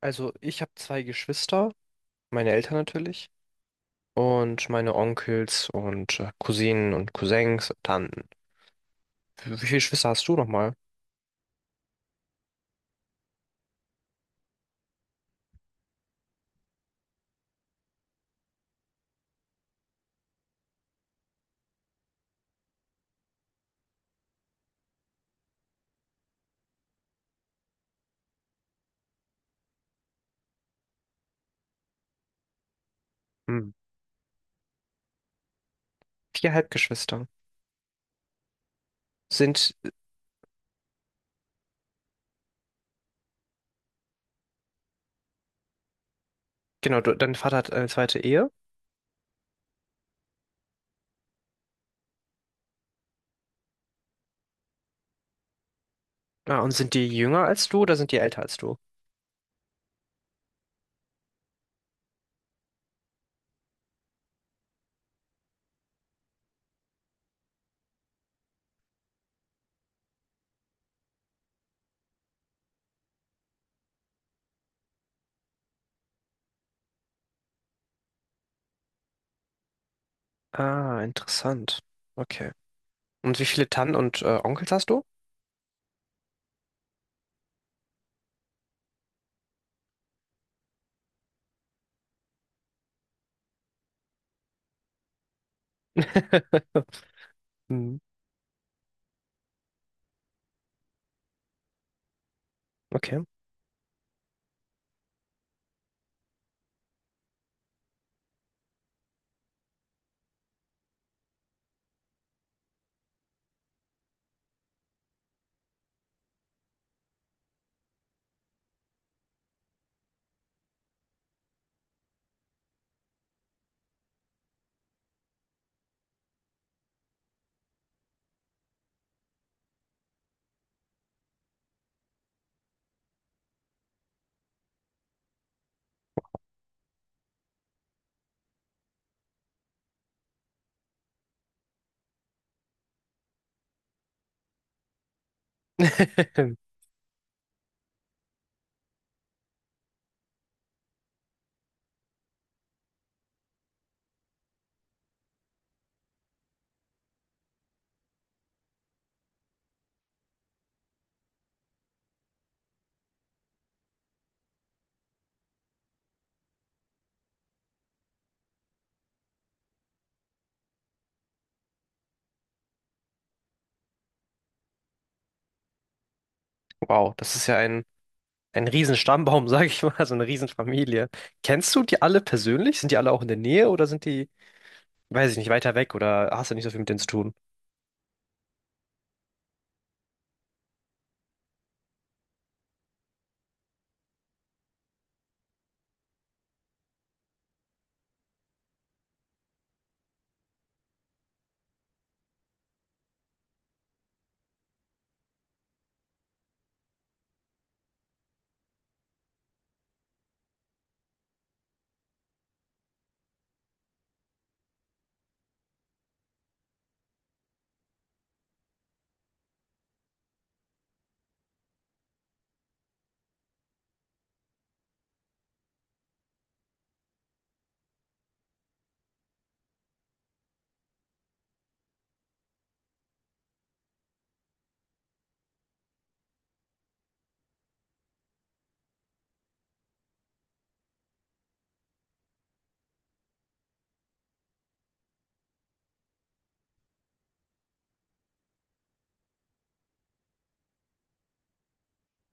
Also ich habe zwei Geschwister, meine Eltern natürlich und meine Onkels und Cousinen und Cousins und Tanten. Wie viele Geschwister hast du nochmal? Hm. Vier Halbgeschwister. Sind, genau, du, dein Vater hat eine zweite Ehe. Ah, und sind die jünger als du oder sind die älter als du? Ah, interessant. Okay. Und wie viele Tanten und Onkels hast du? Hm. Okay. Wow, das ist ja ein Riesenstammbaum, sage ich mal, so eine Riesenfamilie. Kennst du die alle persönlich? Sind die alle auch in der Nähe oder sind die, weiß ich nicht, weiter weg oder hast du nicht so viel mit denen zu tun?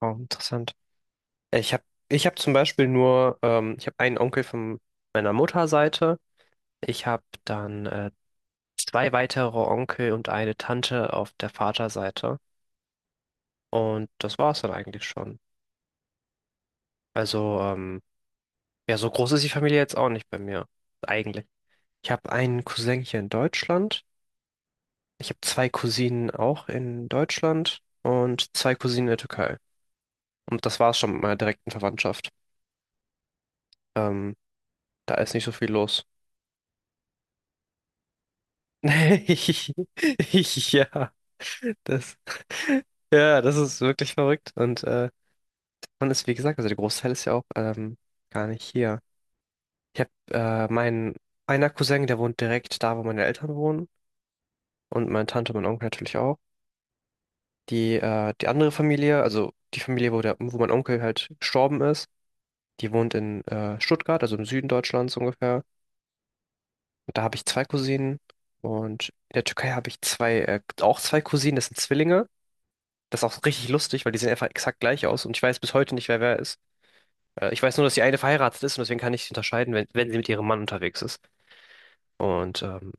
Oh, interessant. Ich habe Ich hab zum Beispiel nur, ich habe einen Onkel von meiner Mutterseite. Ich habe dann zwei weitere Onkel und eine Tante auf der Vaterseite. Und das war es dann eigentlich schon. Also, ja, so groß ist die Familie jetzt auch nicht bei mir. Eigentlich. Ich habe einen Cousin hier in Deutschland. Ich habe zwei Cousinen auch in Deutschland und zwei Cousinen in der Türkei. Und das war's schon mit meiner direkten Verwandtschaft. Ähm, Da ist nicht so viel los. Ja, ja, das ist wirklich verrückt. Und man ist, wie gesagt, also der Großteil ist ja auch gar nicht hier. Ich habe meinen einer Cousin, der wohnt direkt da, wo meine Eltern wohnen. Und meine Tante und mein Onkel natürlich auch. Die andere Familie, also die Familie, wo, wo mein Onkel halt gestorben ist, die wohnt in Stuttgart, also im Süden Deutschlands ungefähr. Und da habe ich zwei Cousinen. Und in der Türkei habe ich auch zwei Cousinen, das sind Zwillinge. Das ist auch richtig lustig, weil die sehen einfach exakt gleich aus. Und ich weiß bis heute nicht, wer wer ist. Ich weiß nur, dass die eine verheiratet ist und deswegen kann ich sie unterscheiden, wenn sie mit ihrem Mann unterwegs ist. Und ähm,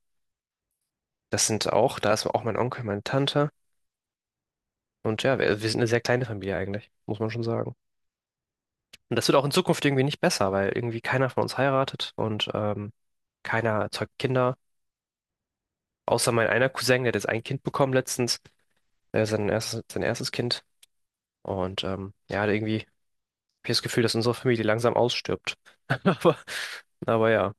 das sind auch, da ist auch mein Onkel, meine Tante. Und ja, wir sind eine sehr kleine Familie eigentlich, muss man schon sagen. Und das wird auch in Zukunft irgendwie nicht besser, weil irgendwie keiner von uns heiratet und keiner zeugt Kinder. Außer mein einer Cousin, der hat jetzt ein Kind bekommen letztens, sein erstes Kind. Und ja, irgendwie habe ich das Gefühl, dass unsere Familie langsam ausstirbt. Aber, aber, ja,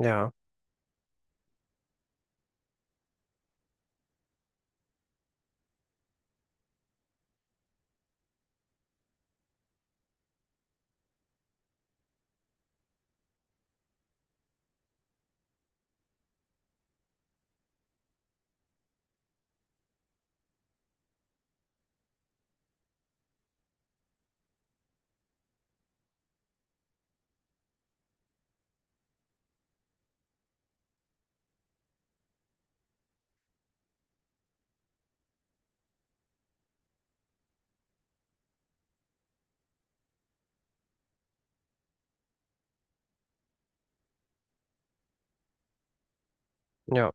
ja, ja,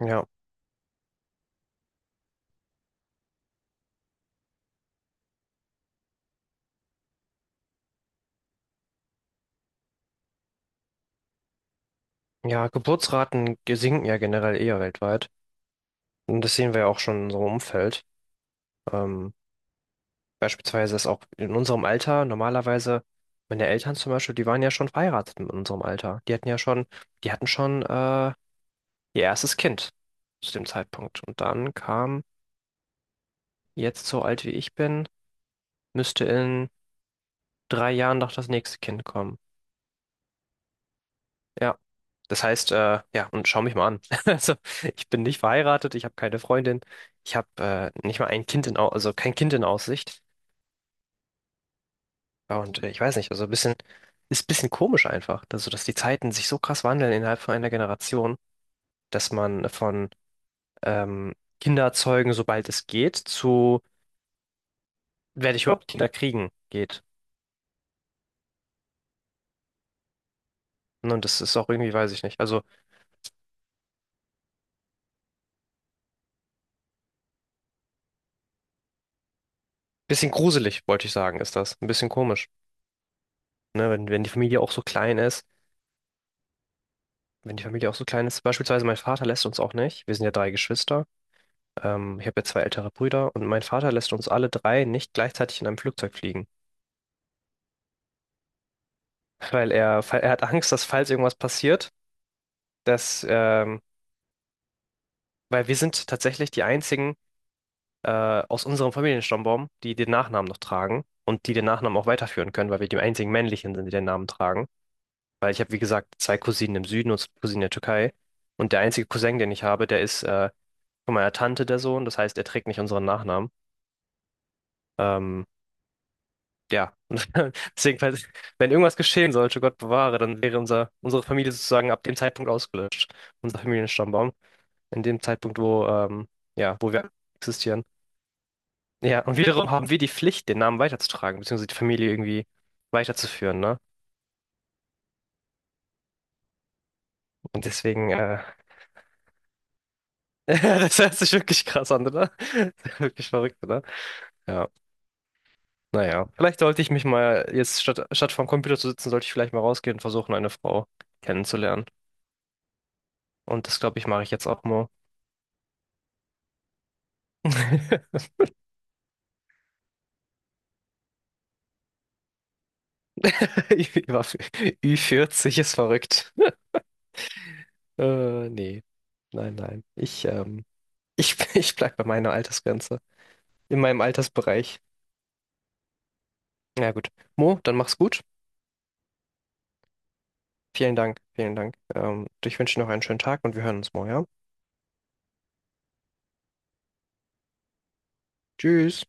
ja. Ja, Geburtsraten sinken ja generell eher weltweit. Und das sehen wir ja auch schon in unserem Umfeld. Ähm, Beispielsweise ist auch in unserem Alter normalerweise, meine Eltern zum Beispiel, die waren ja schon verheiratet in unserem Alter. Die hatten schon ihr erstes Kind zu dem Zeitpunkt. Und dann kam jetzt so alt wie ich bin, müsste in 3 Jahren noch das nächste Kind kommen. Ja, das heißt, ja, und schau mich mal an. Also, ich bin nicht verheiratet, ich habe keine Freundin, ich habe nicht mal ein Kind in, Au- also kein Kind in Aussicht. Ja, und ich weiß nicht, also ist ein bisschen komisch einfach, also, dass die Zeiten sich so krass wandeln innerhalb von einer Generation, dass man von ähm, Kinder zeugen, sobald es geht, zu werde ich überhaupt Kinder kriegen, geht. Ne, und das ist auch irgendwie, weiß ich nicht. Also, bisschen gruselig, wollte ich sagen, ist das. Ein bisschen komisch, ne? Wenn die Familie auch so klein ist. Wenn die Familie auch so klein ist. Beispielsweise mein Vater lässt uns auch nicht. Wir sind ja drei Geschwister. Ich habe ja zwei ältere Brüder und mein Vater lässt uns alle drei nicht gleichzeitig in einem Flugzeug fliegen. Weil er hat Angst, dass falls irgendwas passiert, dass, ähm, weil wir sind tatsächlich die einzigen äh, aus unserem Familienstammbaum, die den Nachnamen noch tragen und die den Nachnamen auch weiterführen können, weil wir die einzigen männlichen sind, die den Namen tragen. Weil ich habe, wie gesagt, zwei Cousinen im Süden und zwei Cousinen in der Türkei. Und der einzige Cousin, den ich habe, der ist von meiner Tante der Sohn. Das heißt, er trägt nicht unseren Nachnamen. Ähm, ja, deswegen, falls, wenn irgendwas geschehen sollte, Gott bewahre, dann wäre unsere Familie sozusagen ab dem Zeitpunkt ausgelöscht. Unser Familienstammbaum. In dem Zeitpunkt, ja, wo wir existieren. Ja, und wiederum haben wir die Pflicht, den Namen weiterzutragen, beziehungsweise die Familie irgendwie weiterzuführen, ne? Und deswegen, das hört sich wirklich krass an, oder? Wirklich verrückt, oder? Ja, naja. Vielleicht sollte ich mich mal, jetzt statt vorm Computer zu sitzen, sollte ich vielleicht mal rausgehen und versuchen, eine Frau kennenzulernen. Und das, glaube ich, mache ich jetzt auch mal. ü 40 ist verrückt. Nee. Nein, nein. Ich bleib bei meiner Altersgrenze. In meinem Altersbereich. Na ja, gut. Mo, dann mach's gut. Vielen Dank, vielen Dank. Ich wünsche dir noch einen schönen Tag und wir hören uns morgen, ja? Tschüss.